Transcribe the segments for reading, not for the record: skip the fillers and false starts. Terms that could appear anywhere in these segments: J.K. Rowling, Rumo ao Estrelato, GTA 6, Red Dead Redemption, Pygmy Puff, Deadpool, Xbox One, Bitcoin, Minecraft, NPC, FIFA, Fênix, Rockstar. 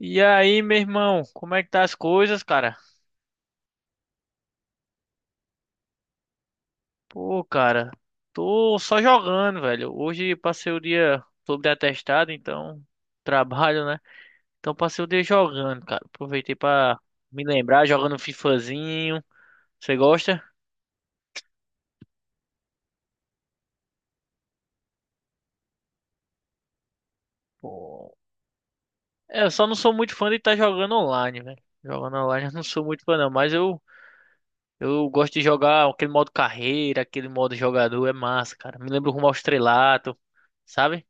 E aí, meu irmão, como é que tá as coisas, cara? Pô, cara, tô só jogando, velho. Hoje passei o dia sobre atestado, então trabalho, né? Então passei o dia jogando, cara. Aproveitei pra me lembrar, jogando um FIFAzinho. Você gosta? Pô. É, eu só não sou muito fã de estar jogando online, velho. Jogando online eu não sou muito fã, não, mas eu gosto de jogar aquele modo carreira, aquele modo jogador, é massa, cara. Me lembra o Rumo ao Estrelato, sabe?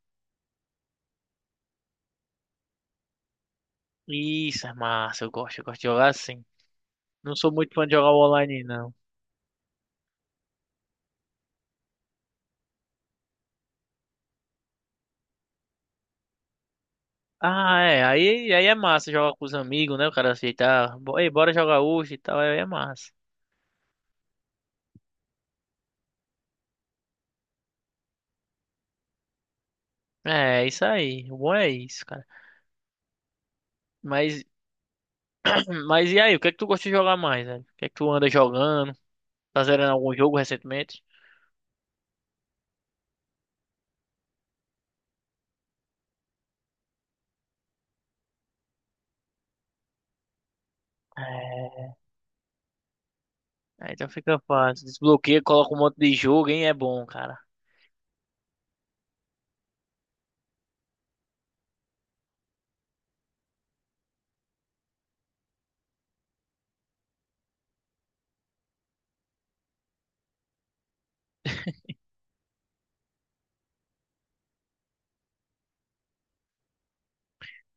Isso, é massa. Eu gosto de jogar assim. Não sou muito fã de jogar online, não. Ah, é. Aí é massa jogar com os amigos, né? O cara aceitar. Ei, bora jogar hoje e tal. Aí é massa. É isso aí. O bom é isso, cara. Mas, mas e aí? O que é que tu gosta de jogar mais, velho? O que é que tu anda jogando? Tá zerando algum jogo recentemente? É, aí então fica fácil. Desbloqueia, coloca um monte de jogo, hein? É bom, cara.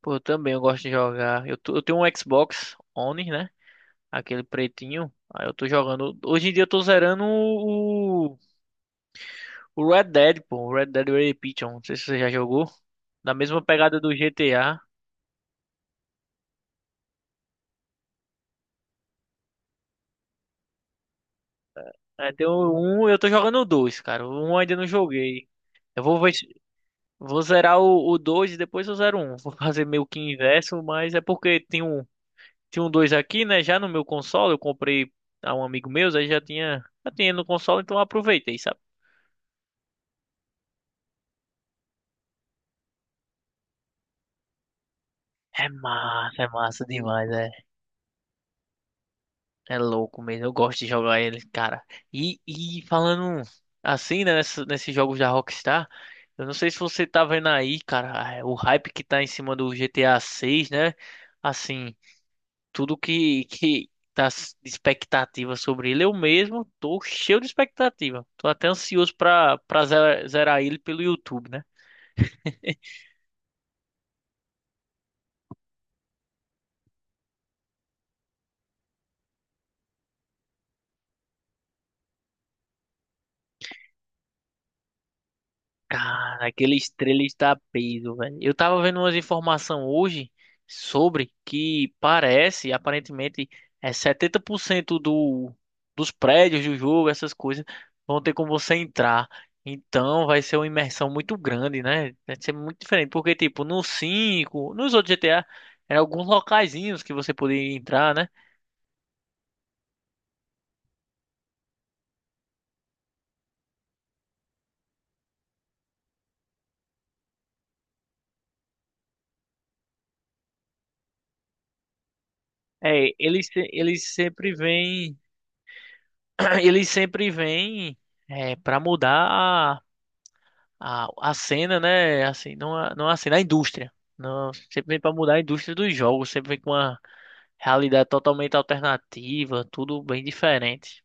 Pô, eu também eu gosto de jogar. Eu tenho um Xbox One, né? Aquele pretinho. Aí eu tô jogando. Hoje em dia eu tô zerando o Red Dead, pô. O Red Dead Redemption. Não sei se você já jogou. Da mesma pegada do GTA. É, tem o 1, eu tô jogando o 2, cara. O 1 eu ainda não joguei. Eu vou ver, vou zerar o 2 e depois eu zero o um. Vou fazer meio que inverso, mas é porque tem um, 2 aqui, né? Já no meu console, eu comprei a um amigo meu, aí já tinha no console, então eu aproveitei, sabe? É massa demais. É louco mesmo, eu gosto de jogar ele, cara. E falando assim, né, nesses jogos da Rockstar, eu não sei se você tá vendo aí, cara, é, o hype que tá em cima do GTA 6, né? Assim, tudo que tá de expectativa sobre ele, eu mesmo tô cheio de expectativa. Tô até ansioso pra, pra zerar ele pelo YouTube, né? Cara, aquele estrela está peso, velho. Eu tava vendo umas informações hoje sobre que parece, aparentemente, é 70% dos prédios do jogo, essas coisas, vão ter como você entrar. Então vai ser uma imersão muito grande, né? Vai ser muito diferente, porque, tipo, no 5 nos outros GTA, eram alguns locaizinhos que você poderia entrar, né? É, eles, se- eles sempre vêm, eles sempre vêm, é, pra mudar a cena, né? Assim, não a, não a cena, a indústria. Não, sempre vem para mudar a indústria dos jogos, sempre vem com uma realidade totalmente alternativa, tudo bem diferente.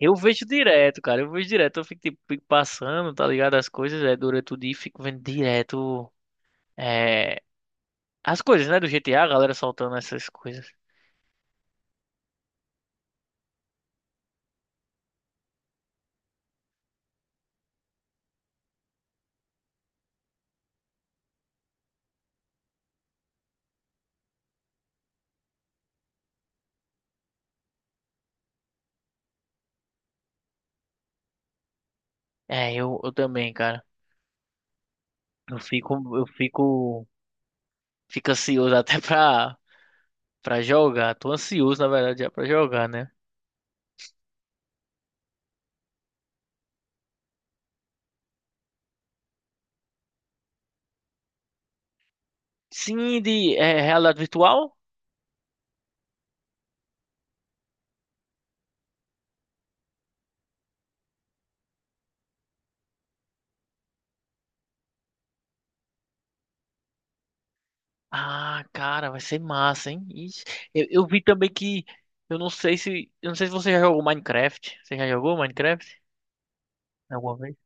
Eu vejo direto, cara, eu vejo direto, eu fico, tipo, fico passando, tá ligado? As coisas, é, durante o dia, e fico vendo direto, é, as coisas, né, do GTA, a galera soltando essas coisas. É, eu também, cara, eu fico, eu fico, fico ansioso até pra jogar, tô ansioso, na verdade, já pra jogar, né? Sim, de é, realidade virtual? Ah, cara, vai ser massa, hein? Ixi, Eu vi também que. Eu não sei se. Eu não sei se você já jogou Minecraft. Você já jogou Minecraft? Alguma vez?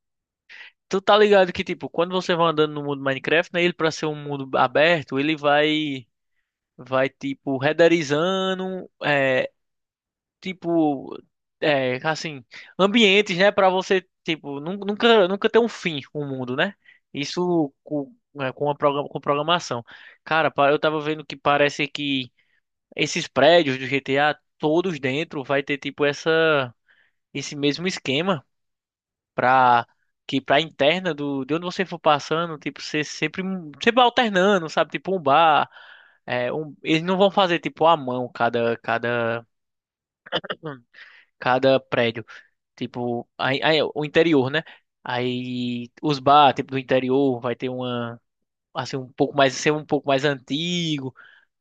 Tu tá ligado que, tipo, quando você vai andando no mundo Minecraft, né? Ele, pra ser um mundo aberto, ele vai. Vai, tipo, renderizando. Tipo, é, assim, ambientes, né, para você, tipo, nunca ter um fim o mundo, né? Isso com, é, com a com programação. Cara, eu tava vendo que parece que esses prédios do GTA, todos dentro, vai ter, tipo, essa, esse mesmo esquema pra... Que pra interna do, de onde você for passando, tipo, você sempre, alternando, sabe? Tipo um bar. É, eles não vão fazer tipo à mão cada prédio. Tipo, aí o interior, né? Aí os bar, tipo, do interior vai ter uma assim um pouco mais ser um pouco mais antigo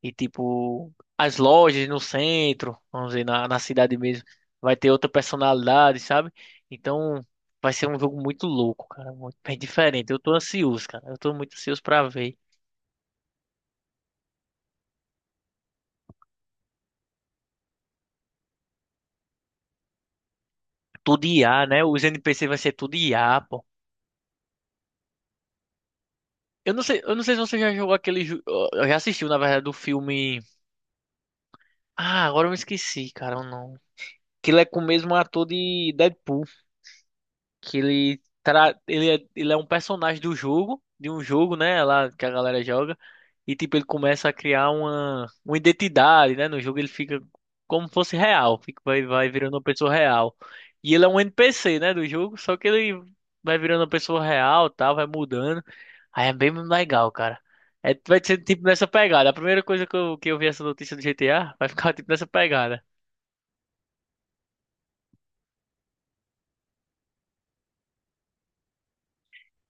e tipo as lojas no centro, vamos dizer, na cidade mesmo, vai ter outra personalidade, sabe? Então vai ser um jogo muito louco, cara, muito bem diferente. Eu tô ansioso, cara. Eu tô muito ansioso pra ver. Tudo IA, né? Os NPC vai ser tudo IA, pô. eu não sei, se você já jogou aquele, eu já assistiu, na verdade, do filme agora eu me esqueci, cara. Não. Que ele é com o mesmo ator de Deadpool, que ele é um personagem do jogo, de um jogo, né, lá que a galera joga, e tipo ele começa a criar uma identidade, né, no jogo ele fica como fosse real, fica vai virando uma pessoa real. E ele é um NPC, né, do jogo, só que ele vai virando uma pessoa real, tal, vai mudando. Aí é bem legal, cara. É, vai ser tipo nessa pegada. A primeira coisa que eu vi essa notícia do GTA vai ficar tipo nessa pegada.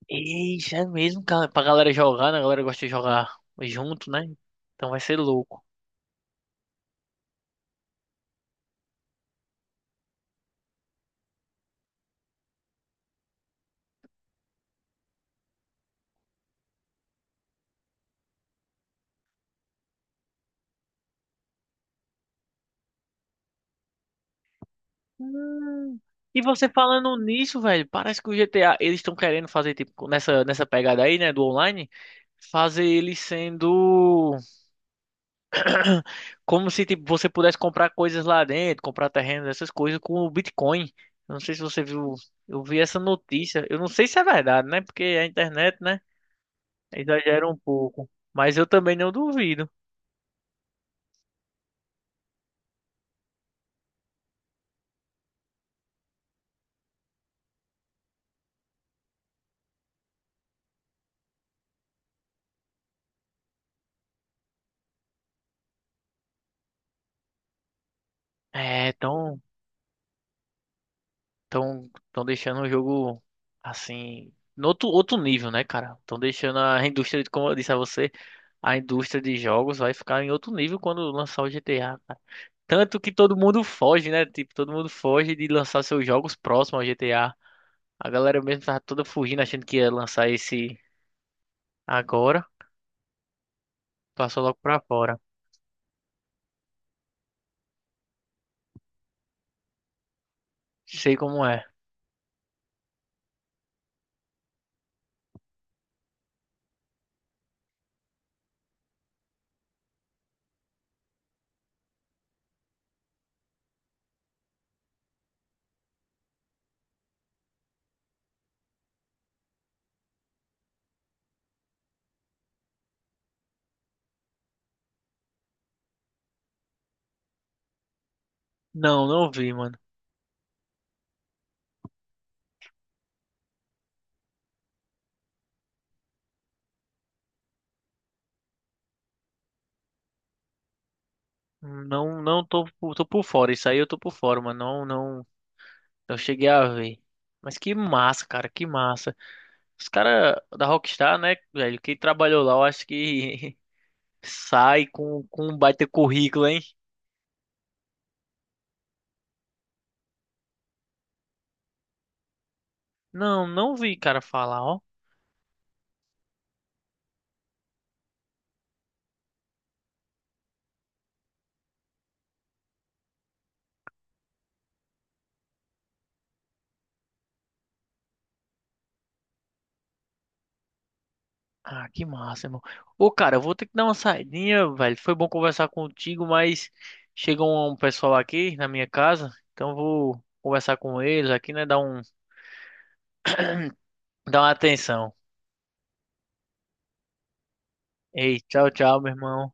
Eita, é mesmo, cara, pra galera jogar, né? A galera gosta de jogar junto, né? Então vai ser louco. Hum. E você falando nisso, velho, parece que o GTA, eles estão querendo fazer, tipo, nessa pegada aí, né, do online, fazer ele sendo como se, tipo, você pudesse comprar coisas lá dentro, comprar terrenos, essas coisas com o Bitcoin. Eu não sei se você viu, eu vi essa notícia. Eu não sei se é verdade, né? Porque a internet, né, exagera um pouco. Mas eu também não duvido. É, então. Tão deixando o jogo assim, no outro nível, né, cara? Tão deixando a indústria, como eu disse a você, a indústria de jogos vai ficar em outro nível quando lançar o GTA, cara. Tanto que todo mundo foge, né? Tipo, todo mundo foge de lançar seus jogos próximos ao GTA. A galera mesmo tava toda fugindo, achando que ia lançar esse agora, passou logo pra fora. Sei como é. Não, não vi, mano. Não, não tô por fora. Isso aí eu tô por fora, mano. Não, não. Eu cheguei a ver. Mas que massa, cara, que massa. Os caras da Rockstar, né, velho? Quem trabalhou lá, eu acho que sai com, um baita currículo, hein? Não, não vi, cara, falar, ó. Ah, que massa, irmão. Ô, cara, eu vou ter que dar uma saidinha, velho. Foi bom conversar contigo, mas chegou um pessoal aqui na minha casa, então eu vou conversar com eles aqui, né? Dar uma atenção. Ei, tchau, tchau, meu irmão.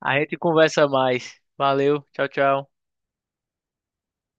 A gente conversa mais. Valeu, tchau, tchau.